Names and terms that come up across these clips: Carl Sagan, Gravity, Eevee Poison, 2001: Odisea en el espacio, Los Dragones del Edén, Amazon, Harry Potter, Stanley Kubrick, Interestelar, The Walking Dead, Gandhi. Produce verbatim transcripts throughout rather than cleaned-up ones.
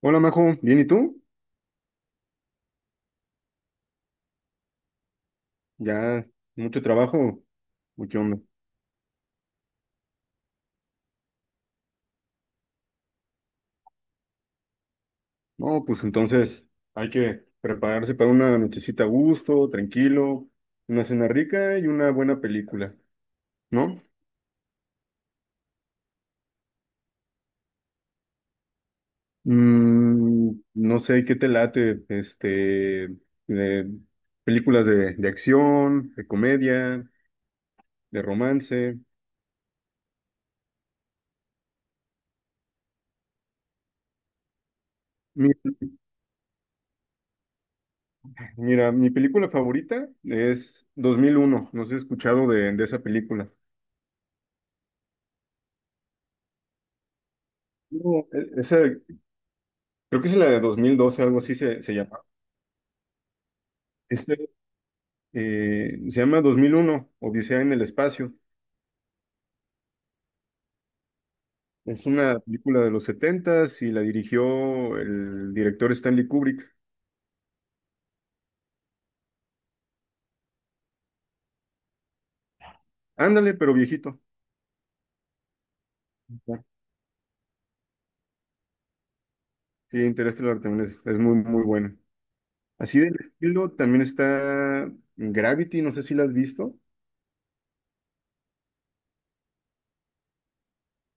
Hola, Majo, ¿bien y tú? Ya, mucho trabajo, ¿o qué onda? No, pues entonces hay que prepararse para una nochecita a gusto, tranquilo, una cena rica y una buena película, ¿no? Mm, no sé qué te late, este, de películas de, de acción, de comedia, de romance. Mi- Mira, mi película favorita es dos mil uno. No sé si has escuchado de, de esa película. No, e- esa creo que es la de dos mil doce, algo así se, se llama. Este, eh, se llama dos mil uno, Odisea en el espacio. Es una película de los setentas y la dirigió el director Stanley Kubrick. Ándale, pero viejito. Ajá. Sí, Interestelar también es, es muy, muy buena. Así del estilo también está Gravity, no sé si la has visto.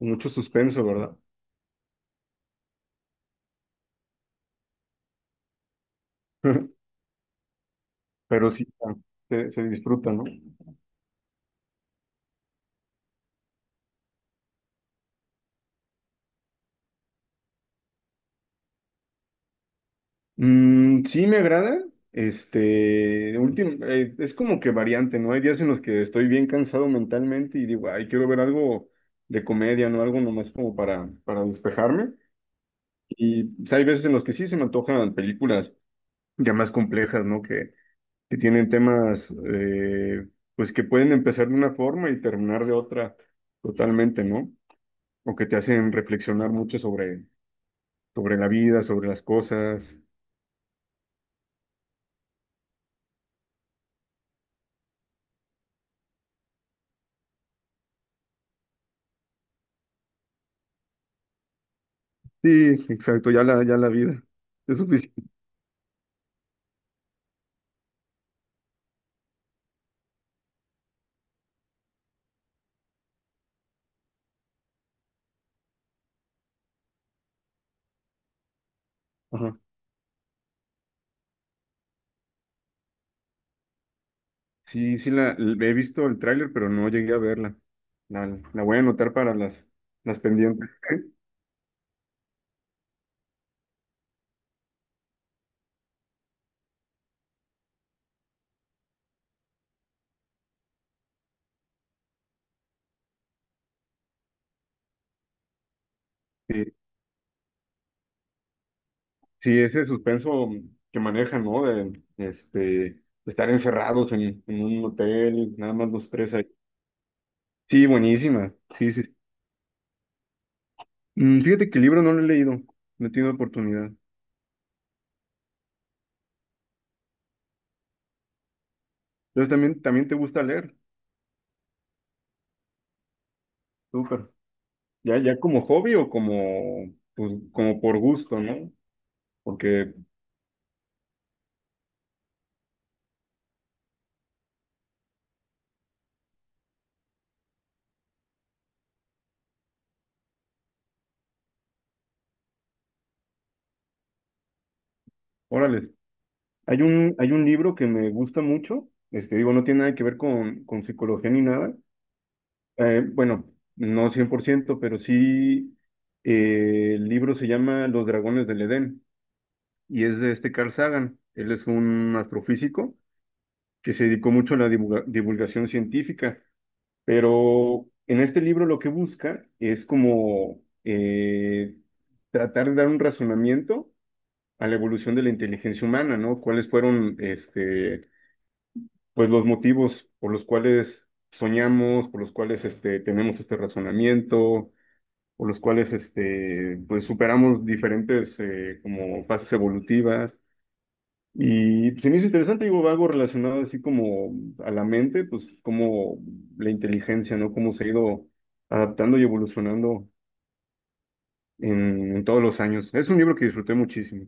Mucho suspenso, ¿verdad? Pero sí, se, se disfruta, ¿no? Mm, sí me agrada. Este, último, eh, es como que variante, ¿no? Hay días en los que estoy bien cansado mentalmente y digo, ay, quiero ver algo de comedia, ¿no? Algo nomás como para, para despejarme. Y pues, hay veces en los que sí se me antojan películas ya más complejas, ¿no? Que, que tienen temas, eh, pues que pueden empezar de una forma y terminar de otra totalmente, ¿no? O que te hacen reflexionar mucho sobre, sobre la vida, sobre las cosas. Sí, exacto, ya la, ya la vida. Es suficiente. Ajá. Sí, sí, la, l- he visto el tráiler, pero no llegué a verla. La, la voy a anotar para las, las pendientes. Sí, sí, ese suspenso que manejan, ¿no? De, este, estar encerrados en, en un hotel, nada más los tres ahí. Sí, buenísima. Sí, sí, sí. Mm, fíjate que el libro no lo he leído, no he tenido oportunidad. Entonces también, también te gusta leer. Súper. Ya, ya como hobby o como, pues, como por gusto, ¿no? Porque órale. Hay un, hay un libro que me gusta mucho, este, digo, no tiene nada que ver con, con psicología ni nada. Eh, bueno, no cien por ciento pero sí, eh, el libro se llama Los Dragones del Edén y es de este Carl Sagan. Él es un astrofísico que se dedicó mucho a la divulga- divulgación científica, pero en este libro lo que busca es como eh, tratar de dar un razonamiento a la evolución de la inteligencia humana, ¿no? ¿Cuáles fueron, este, pues los motivos por los cuales soñamos, por los cuales este, tenemos este razonamiento, por los cuales este, pues superamos diferentes eh, como fases evolutivas? Y pues, se me hizo interesante, digo, algo relacionado así como a la mente, pues como la inteligencia, ¿no? Cómo se ha ido adaptando y evolucionando en, en todos los años. Es un libro que disfruté muchísimo.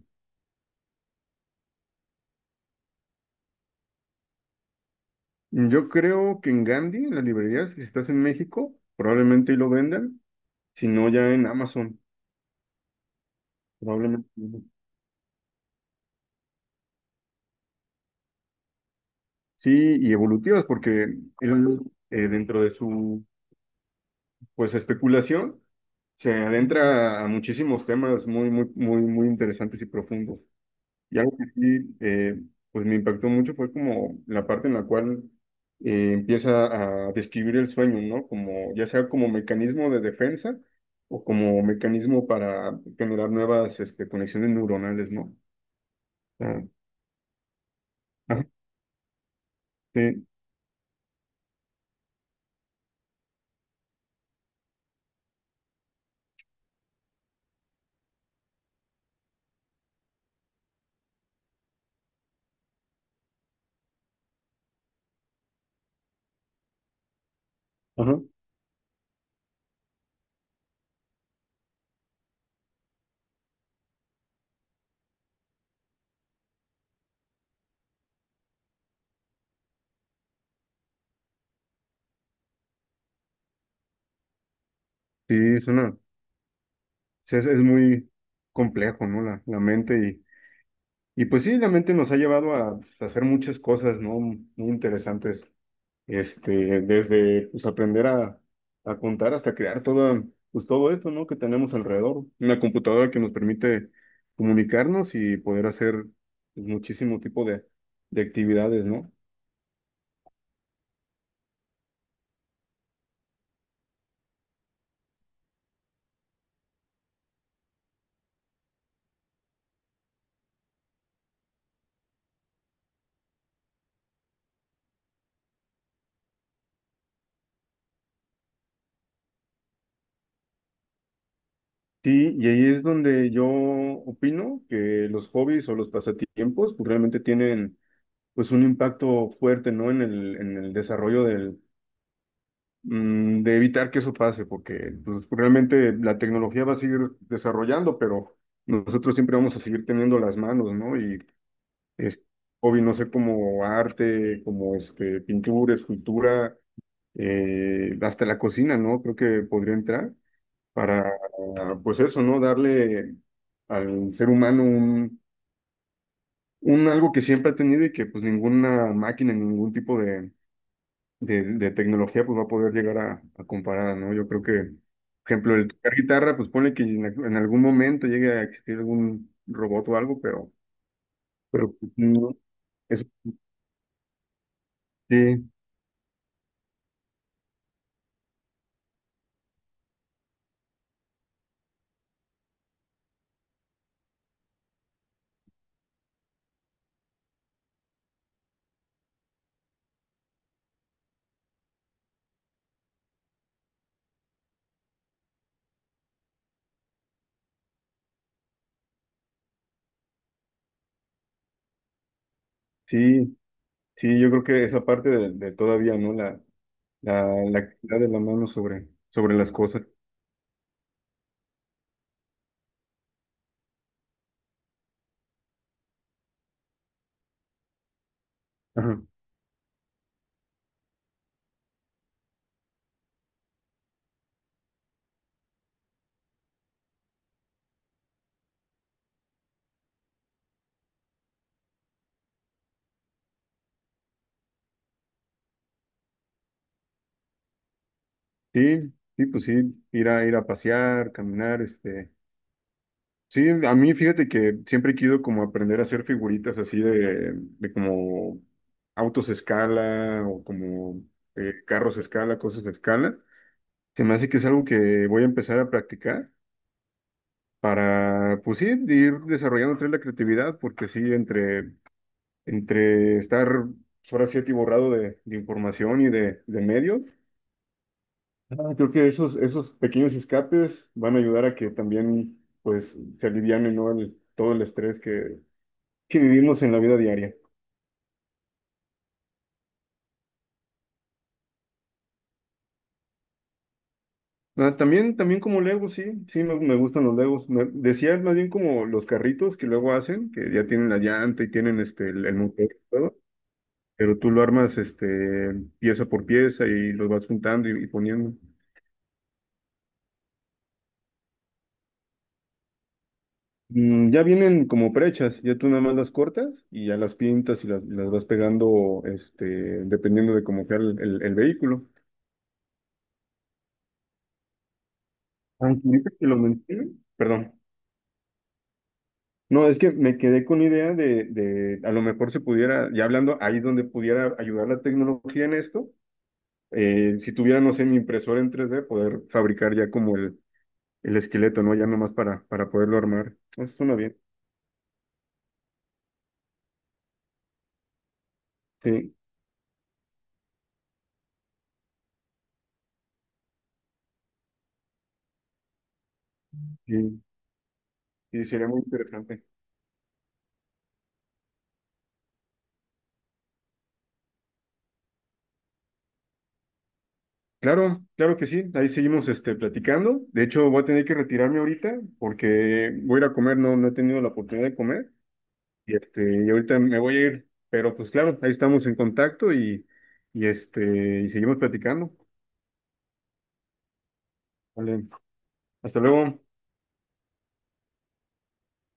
Yo creo que en Gandhi, en las librerías, si estás en México, probablemente ahí lo vendan, si no ya en Amazon. Probablemente, no. Sí, y evolutivas, porque él, eh, dentro de su pues especulación se adentra a muchísimos temas muy, muy, muy, muy interesantes y profundos. Y algo que sí, eh, pues me impactó mucho fue como la parte en la cual eh, empieza a describir el sueño, ¿no? Como ya sea como mecanismo de defensa o como mecanismo para generar nuevas este, conexiones neuronales, ¿no? O sea, ajá, sí, ajá, sí, es sea, es, es muy complejo, ¿no? La, la mente y, y pues sí, la mente nos ha llevado a hacer muchas cosas, ¿no? Muy interesantes, este, desde pues aprender a, a contar hasta crear todo pues todo esto, ¿no? Que tenemos alrededor, una computadora que nos permite comunicarnos y poder hacer pues, muchísimo tipo de, de actividades, ¿no? Sí, y ahí es donde yo opino que los hobbies o los pasatiempos pues realmente tienen pues un impacto fuerte, ¿no? En el, en el desarrollo del, mm, de evitar que eso pase, porque pues, realmente la tecnología va a seguir desarrollando, pero nosotros siempre vamos a seguir teniendo las manos, ¿no? Y este, hobby, no sé, como arte, como este, pintura, escultura, eh, hasta la cocina, ¿no? Creo que podría entrar para, pues eso, ¿no? Darle al ser humano un, un algo que siempre ha tenido y que pues ninguna máquina, ningún tipo de de, de tecnología, pues va a poder llegar a, a comparada, ¿no? Yo creo que, por ejemplo, el tocar guitarra, pues pone que en, en algún momento llegue a existir algún robot o algo, pero, pero pues, no, eso sí, sí, sí, yo creo que esa parte de, de todavía, ¿no? La, la, la actividad de la mano sobre, sobre las cosas. Ajá. Sí, sí, pues sí, ir a, ir a pasear, caminar, este. Sí, a mí fíjate que siempre he querido como aprender a hacer figuritas así de, de como autos a escala o como eh, carros a escala, cosas a escala. Se me hace que es algo que voy a empezar a practicar para, pues sí, ir desarrollando otra vez la creatividad, porque sí, entre, entre estar ahora sí atiborrado de, de información y de, de medios, ah, creo que esos, esos pequeños escapes van a ayudar a que también pues se aliviane, ¿no? El todo el estrés que que vivimos en la vida diaria. Ah, también, también como Legos, sí, sí, me, me gustan los Legos. Me decía más bien como los carritos que luego hacen, que ya tienen la llanta y tienen este, el, el motor y todo, pero tú lo armas este, pieza por pieza y los vas juntando y, y poniendo. Mm, ya vienen como prechas, ya tú nada más las cortas y ya las pintas y las, las vas pegando este, dependiendo de cómo sea el, el- el vehículo. Aunque ahorita que lo mencioné, perdón. No, es que me quedé con idea de, de a lo mejor se pudiera, ya hablando, ahí donde pudiera ayudar la tecnología en esto, eh, si tuviera, no sé, mi impresora en tres de poder fabricar ya como el, el esqueleto, ¿no? Ya nomás para, para poderlo armar. Eso suena bien. Sí, sí, sí, sería muy interesante. Claro, claro que sí, ahí seguimos este, platicando. De hecho, voy a tener que retirarme ahorita porque voy a ir a comer, no, no he tenido la oportunidad de comer. Y, este, y ahorita me voy a ir, pero pues claro, ahí estamos en contacto y, y, este, y seguimos platicando. Vale, hasta luego.